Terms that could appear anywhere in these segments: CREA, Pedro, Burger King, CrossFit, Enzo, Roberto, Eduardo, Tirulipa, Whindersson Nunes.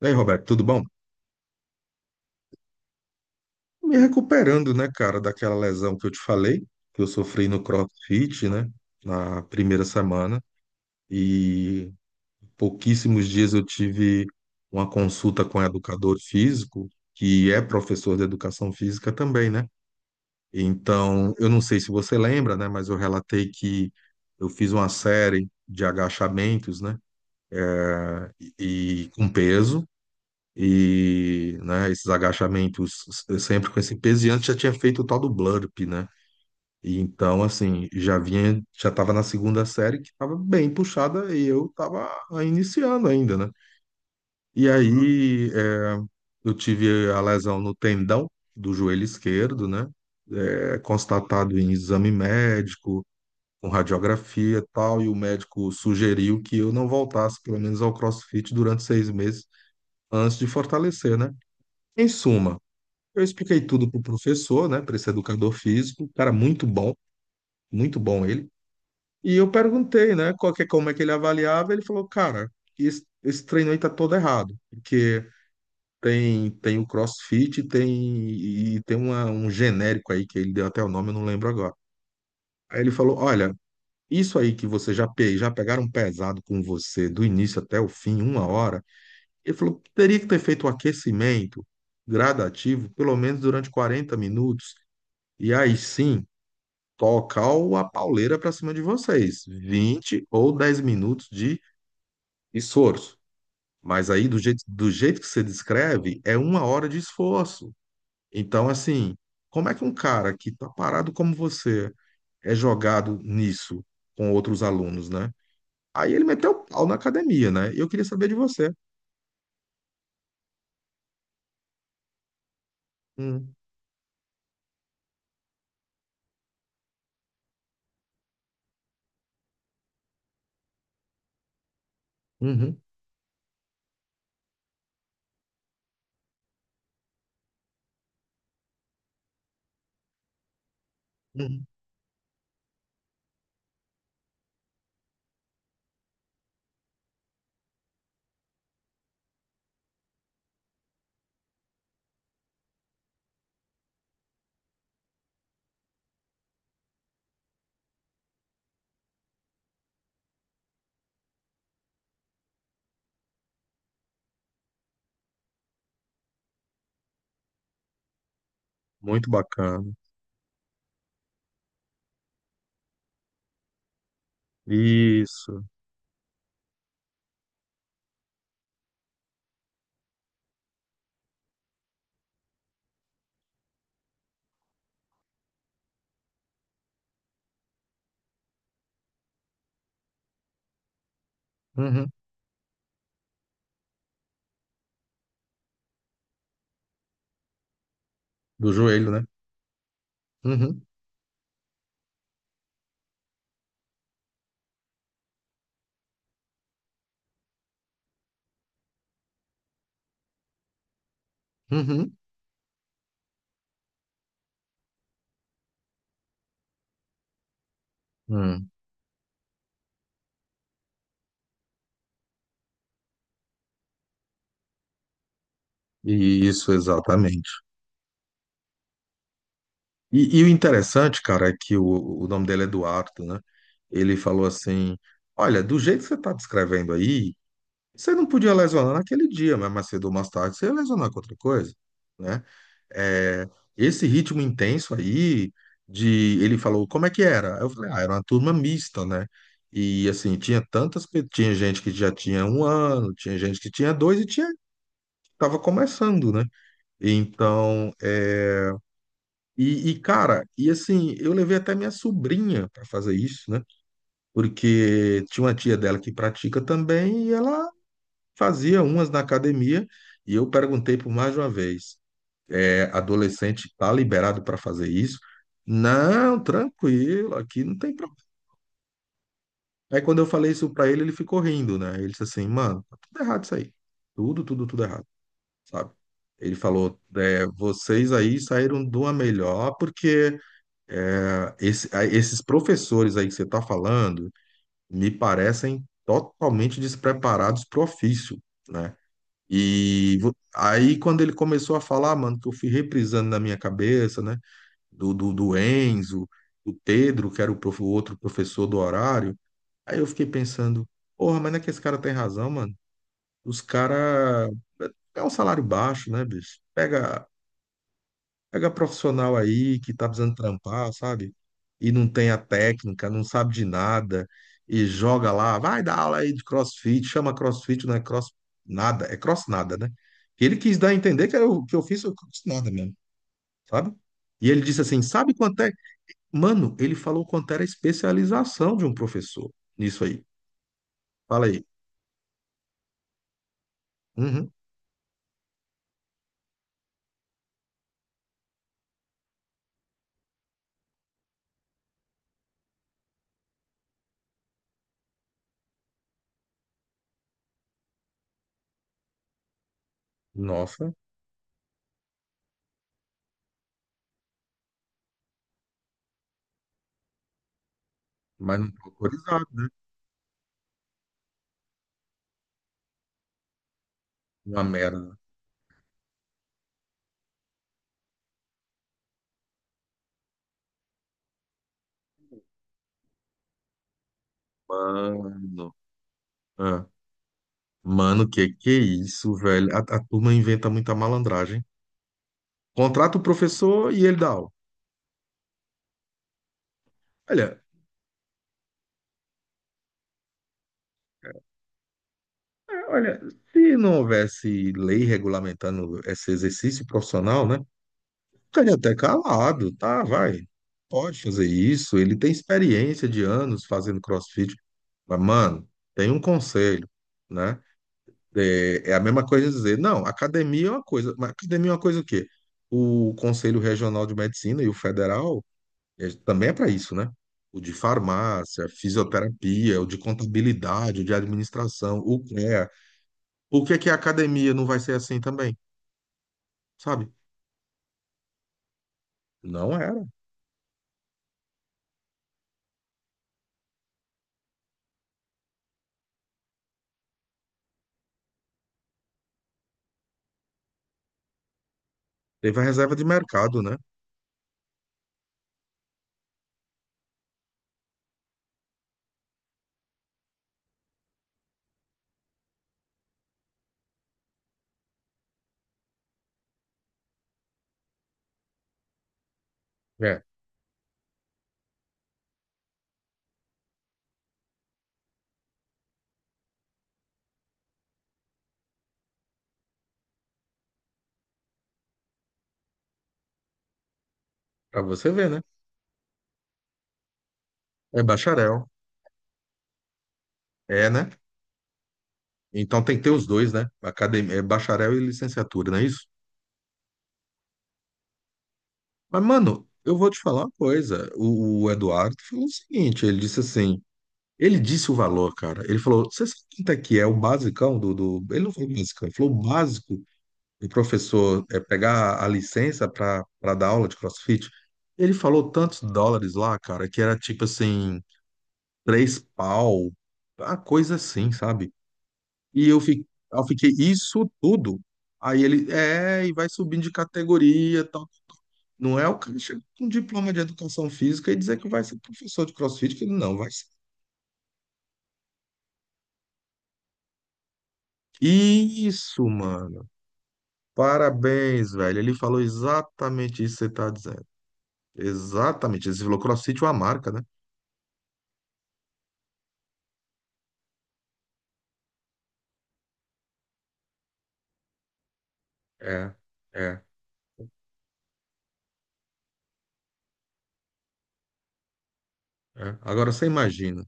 E aí, Roberto, tudo bom? Me recuperando, né, cara, daquela lesão que eu te falei, que eu sofri no CrossFit, né, na primeira semana. E pouquíssimos dias eu tive uma consulta com um educador físico, que é professor de educação física também, né? Então, eu não sei se você lembra, né, mas eu relatei que eu fiz uma série de agachamentos, né, e com peso. E né, esses agachamentos sempre com esse peso, e antes já tinha feito o tal do burp, né? E então, assim, já vinha, já tava na segunda série que tava bem puxada e eu tava iniciando ainda, né? E aí é, eu tive a lesão no tendão do joelho esquerdo, né? É, constatado em exame médico, com radiografia e tal, e o médico sugeriu que eu não voltasse, pelo menos, ao CrossFit durante 6 meses antes de fortalecer, né? Em suma, eu expliquei tudo pro professor, né, para esse educador físico, cara muito bom ele. E eu perguntei, né, qual que, como é que ele avaliava, ele falou, cara, esse treino aí tá todo errado, porque tem o CrossFit, tem e tem uma, um genérico aí que ele deu até o nome, eu não lembro agora. Aí ele falou, olha, isso aí que você já pegaram pesado com você do início até o fim, uma hora. Ele falou, teria que ter feito o aquecimento gradativo, pelo menos durante 40 minutos. E aí sim, tocar a pauleira para cima de vocês. 20 ou 10 minutos de esforço. Mas aí, do jeito que você descreve, é uma hora de esforço. Então, assim, como é que um cara que tá parado como você é jogado nisso com outros alunos, né? Aí ele meteu o pau na academia, né? E eu queria saber de você. Hum, uhum, uhum. Muito bacana. Isso. Uhum. Do joelho, né? Uhum, uhum, hum. Isso, exatamente. E o interessante, cara, é que o nome dele é Eduardo, né? Ele falou assim: olha, do jeito que você está descrevendo aí, você não podia lesionar naquele dia, mas mais cedo ou mais tarde você ia lesionar com outra coisa, né? É, esse ritmo intenso aí, de ele falou: como é que era? Eu falei: ah, era uma turma mista, né? E assim, tinha tantas, tinha gente que já tinha um ano, tinha gente que tinha dois e tinha, estava começando, né? Então. E, cara, e assim, eu levei até minha sobrinha para fazer isso, né? Porque tinha uma tia dela que pratica também e ela fazia umas na academia. E eu perguntei por mais de uma vez: é, adolescente tá liberado para fazer isso? Não, tranquilo, aqui não tem problema. Aí quando eu falei isso para ele, ele ficou rindo, né? Ele disse assim: mano, tá tudo errado isso aí. Tudo, tudo, tudo errado, sabe? Ele falou: é, vocês aí saíram de uma melhor porque. É, esses professores aí que você está falando me parecem totalmente despreparados para o ofício, né? E aí, quando ele começou a falar, "Ah, mano, que eu fui reprisando na minha cabeça, né? Do Enzo, do Pedro, que era o outro professor do horário, aí eu fiquei pensando, porra, mas não é que esse cara tem razão, mano? Os caras. É é um salário baixo, né, bicho? Pega profissional aí que tá precisando trampar, sabe? E não tem a técnica, não sabe de nada, e joga lá, vai dar aula aí de CrossFit, chama CrossFit, não é cross nada, é cross nada, né? E ele quis dar a entender que eu fiz o cross nada mesmo, sabe? E ele disse assim, sabe quanto é? Mano, ele falou quanto era a especialização de um professor nisso aí. Fala aí. Uhum. Nossa, mas não tá autorizado, né? Uma mera. Mano. Mano, que é isso, velho? A turma inventa muita malandragem. Contrata o professor e ele dá aula. Olha, é, olha, se não houvesse lei regulamentando esse exercício profissional, né? Estaria até calado, tá? Vai, pode fazer isso. Ele tem experiência de anos fazendo CrossFit. Mas, mano, tem um conselho, né? É, é a mesma coisa dizer, não, academia é uma coisa. Mas academia é uma coisa o quê? O Conselho Regional de Medicina e o Federal é, também é para isso, né? O de farmácia, fisioterapia, o de contabilidade, o de administração, o CREA. Por que que a academia não vai ser assim também, sabe? Não era. Teve a reserva de mercado, né? É, para você ver, né? É bacharel, é, né? Então tem que ter os dois, né? Academia, é bacharel e licenciatura, não é isso? Mas, mano, eu vou te falar uma coisa. O Eduardo falou o seguinte, ele disse assim, ele disse o valor, cara. Ele falou, você sabe quanto é que é o basicão do, do... Ele não falou basicão, ele falou o básico o professor pegar a licença para dar aula de CrossFit, ele falou tantos dólares lá, cara, que era tipo assim, três pau, uma coisa assim, sabe? E eu fiquei, isso tudo. Aí ele, é, e vai subindo de categoria, e tal. Não é o cara chega com um diploma de educação física e dizer que vai ser professor de CrossFit, que ele não vai ser. Isso, mano. Parabéns, velho. Ele falou exatamente isso que você tá dizendo. Exatamente. Ele falou CrossFit é uma marca, né? É, é, é. Agora você imagina.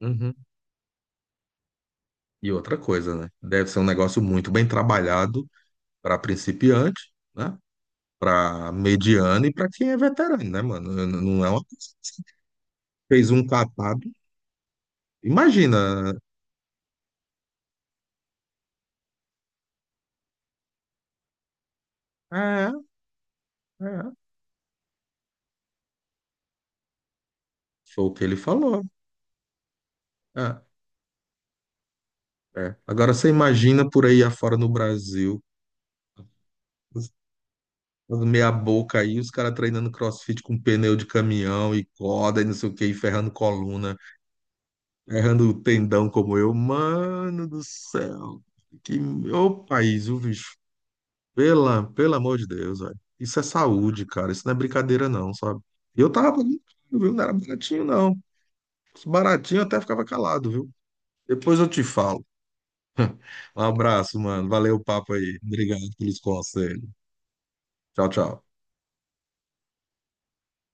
Uhum. E outra coisa, né? Deve ser um negócio muito bem trabalhado para principiante, né? Para mediano e para quem é veterano, né, mano? Não é uma que fez um catado. Imagina. É, é. Foi o que ele falou. É, é. Agora você imagina por aí afora no Brasil, os- os meia boca aí, os caras treinando CrossFit com pneu de caminhão e corda e não sei o que, e ferrando coluna. Errando o tendão como eu, mano do céu. Que ô país, o bicho. Pela, pelo amor de Deus, velho. Isso é saúde, cara. Isso não é brincadeira, não, sabe? E eu tava pagando, caro, viu? Não era baratinho, não. Baratinho eu até ficava calado, viu? Depois eu te falo. Um abraço, mano. Valeu o papo aí. Obrigado pelos conselhos. Tchau, tchau.